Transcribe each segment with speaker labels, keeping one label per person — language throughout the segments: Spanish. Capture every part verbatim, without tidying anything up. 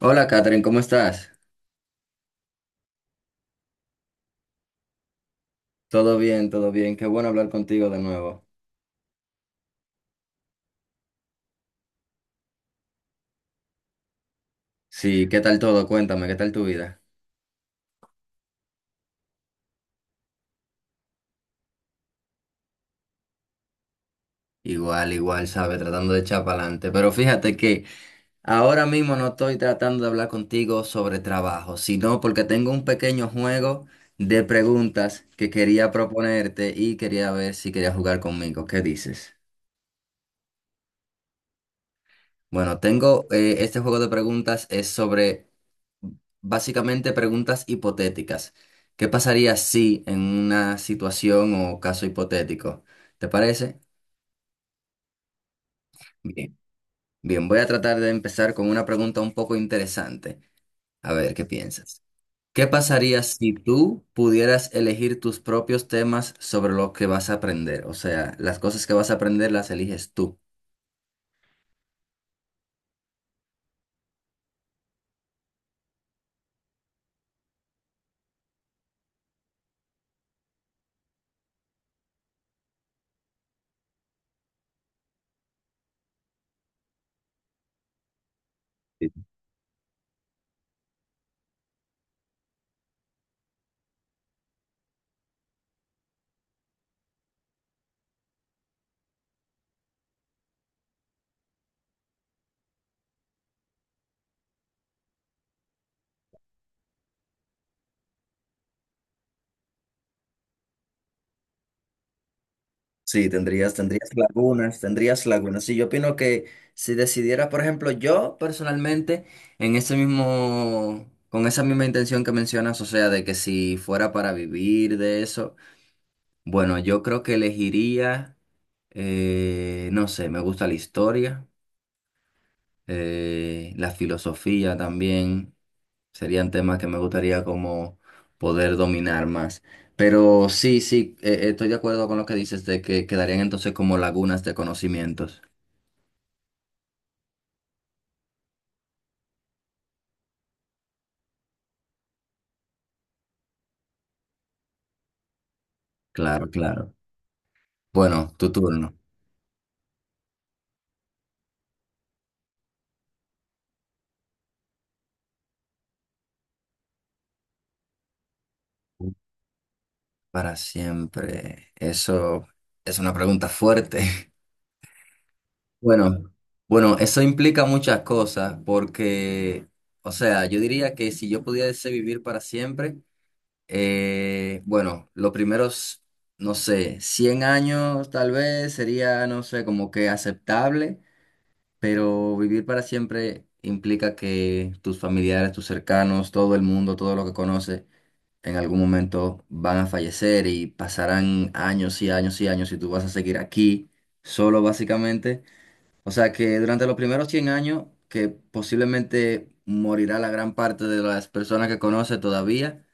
Speaker 1: Hola, Catherine, ¿cómo estás? Todo bien, todo bien. Qué bueno hablar contigo de nuevo. Sí, ¿qué tal todo? Cuéntame, ¿qué tal tu vida? Igual, igual, sabe, tratando de echar para adelante. Pero fíjate que ahora mismo no estoy tratando de hablar contigo sobre trabajo, sino porque tengo un pequeño juego de preguntas que quería proponerte y quería ver si querías jugar conmigo. ¿Qué dices? Bueno, tengo eh, este juego de preguntas es sobre básicamente preguntas hipotéticas. ¿Qué pasaría si en una situación o caso hipotético? ¿Te parece? Bien. Bien, voy a tratar de empezar con una pregunta un poco interesante. A ver, ¿qué piensas? ¿Qué pasaría si tú pudieras elegir tus propios temas sobre lo que vas a aprender? O sea, las cosas que vas a aprender las eliges tú. Sí, tendrías, tendrías lagunas, tendrías lagunas. Sí, yo opino que si decidiera, por ejemplo, yo personalmente, en ese mismo, con esa misma intención que mencionas, o sea, de que si fuera para vivir de eso, bueno, yo creo que elegiría, eh, no sé, me gusta la historia, eh, la filosofía también. Serían temas que me gustaría como poder dominar más. Pero sí, sí, eh, estoy de acuerdo con lo que dices de que quedarían entonces como lagunas de conocimientos. Claro, claro. Bueno, tu turno. Para siempre. Eso es una pregunta fuerte. Bueno, bueno, eso implica muchas cosas porque, o sea, yo diría que si yo pudiese vivir para siempre, Eh, bueno, los primeros, no sé, cien años tal vez sería, no sé, como que aceptable, pero vivir para siempre implica que tus familiares, tus cercanos, todo el mundo, todo lo que conoces, en algún momento van a fallecer y pasarán años y años y años y tú vas a seguir aquí solo básicamente. O sea que durante los primeros cien años, que posiblemente morirá la gran parte de las personas que conoces todavía.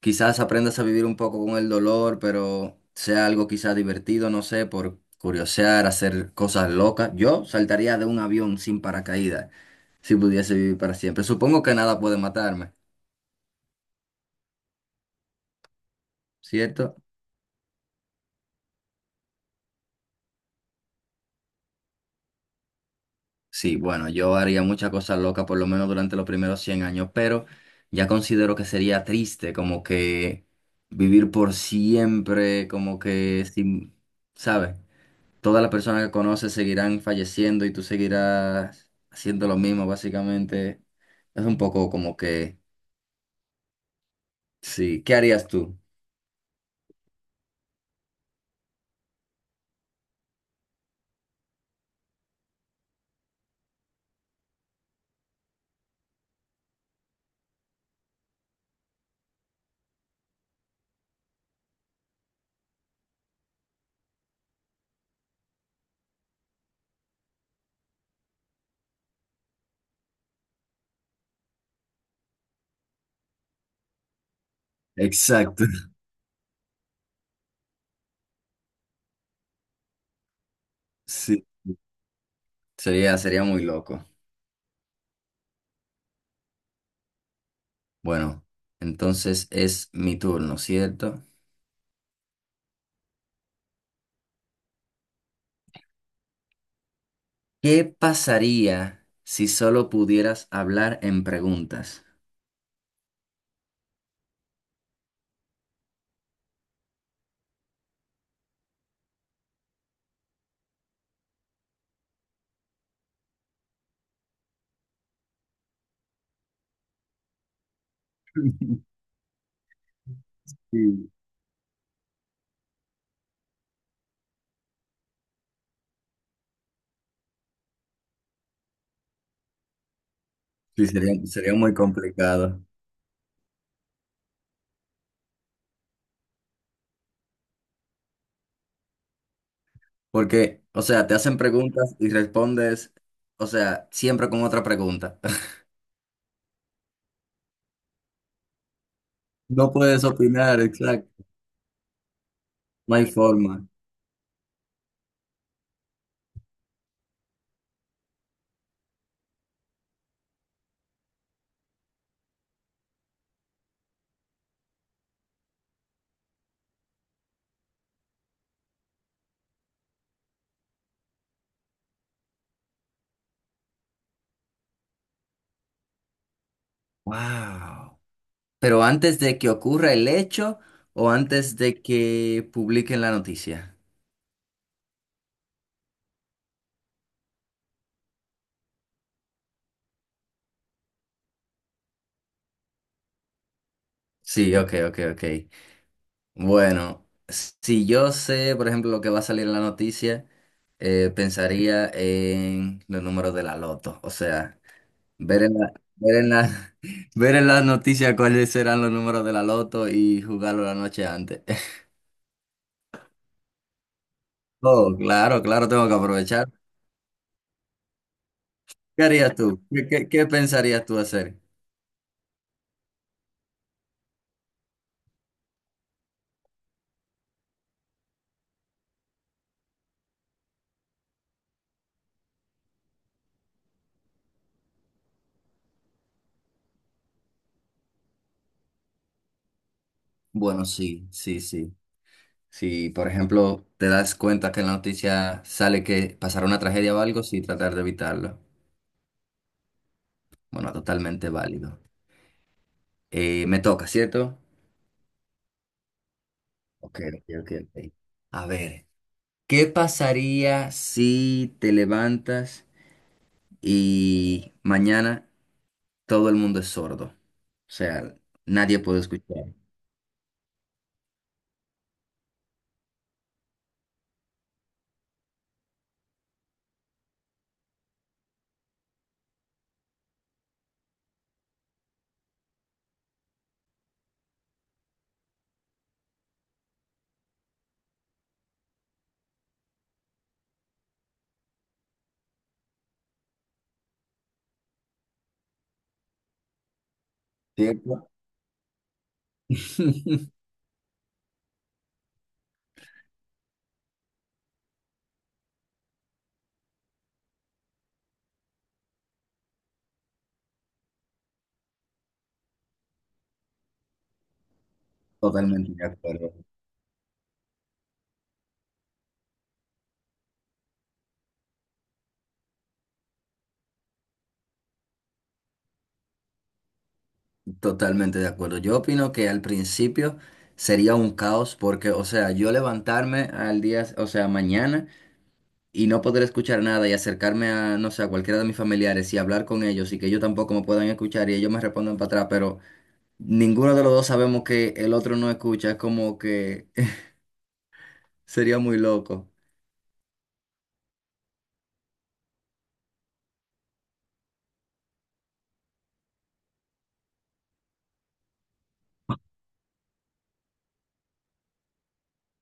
Speaker 1: Quizás aprendas a vivir un poco con el dolor, pero sea algo quizás divertido, no sé, por curiosear, hacer cosas locas. Yo saltaría de un avión sin paracaídas si pudiese vivir para siempre. Supongo que nada puede matarme, ¿cierto? Sí, bueno, yo haría muchas cosas locas por lo menos durante los primeros cien años, pero ya considero que sería triste como que vivir por siempre, como que sin, ¿sabes?, todas las personas que conoces seguirán falleciendo y tú seguirás haciendo lo mismo, básicamente. Es un poco como que, sí, ¿qué harías tú? Exacto, sí. Sería, sería muy loco. Bueno, entonces es mi turno, ¿cierto? ¿Qué pasaría si solo pudieras hablar en preguntas? Sí. Sí, sería, sería muy complicado. Porque, o sea, te hacen preguntas y respondes, o sea, siempre con otra pregunta. No puedes opinar, exacto. No hay forma. Wow. Pero antes de que ocurra el hecho o antes de que publiquen la noticia. Sí, ok, ok, ok. Bueno, si yo sé, por ejemplo, lo que va a salir en la noticia, eh, pensaría en los números de la loto. O sea, ver en la, ver en la, ver en las noticias cuáles serán los números de la loto y jugarlo la noche antes. Oh, claro, claro, tengo que aprovechar. ¿Qué harías tú? ¿Qué, qué- qué pensarías tú hacer? Bueno, sí, sí, sí. Si, por ejemplo, te das cuenta que en la noticia sale que pasará una tragedia o algo, sí, tratar de evitarlo. Bueno, totalmente válido. Eh, me toca, ¿cierto? Ok, ok, ok, ok. A ver, ¿qué pasaría si te levantas y mañana todo el mundo es sordo? O sea, nadie puede escuchar, ¿cierto? Totalmente de acuerdo. Totalmente de acuerdo. Yo opino que al principio sería un caos porque, o sea, yo levantarme al día, o sea, mañana y no poder escuchar nada y acercarme a, no sé, a cualquiera de mis familiares y hablar con ellos y que ellos tampoco me puedan escuchar y ellos me respondan para atrás, pero ninguno de los dos sabemos que el otro no escucha, es como que sería muy loco.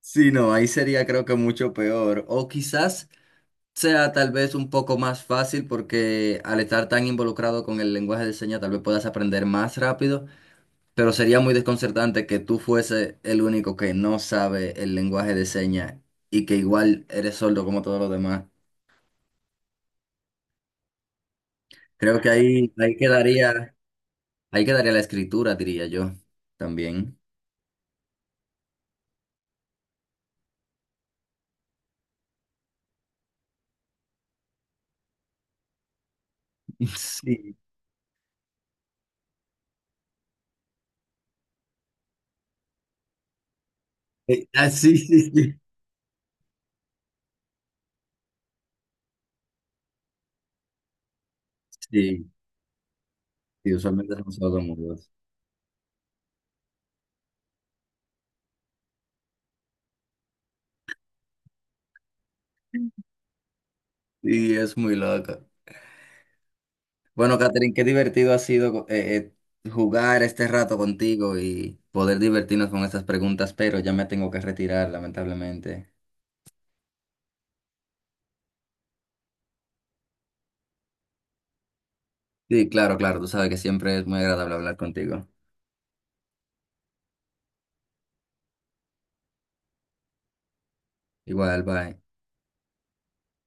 Speaker 1: Sí, no, ahí sería creo que mucho peor. O quizás sea tal vez un poco más fácil porque al estar tan involucrado con el lenguaje de señas tal vez puedas aprender más rápido. Pero sería muy desconcertante que tú fuese el único que no sabe el lenguaje de señas y que igual eres sordo como todos los demás. Creo que ahí, ahí quedaría, ahí quedaría la escritura, diría yo, también. Sí. Eh, Ah, sí, sí, sí. Sí, sí, usualmente somos sordomudos. Sí, es muy loco. Bueno, Catherine, qué divertido ha sido eh, eh, jugar este rato contigo y poder divertirnos con estas preguntas, pero ya me tengo que retirar, lamentablemente. Sí, claro, claro, tú sabes que siempre es muy agradable hablar contigo. Igual, bye.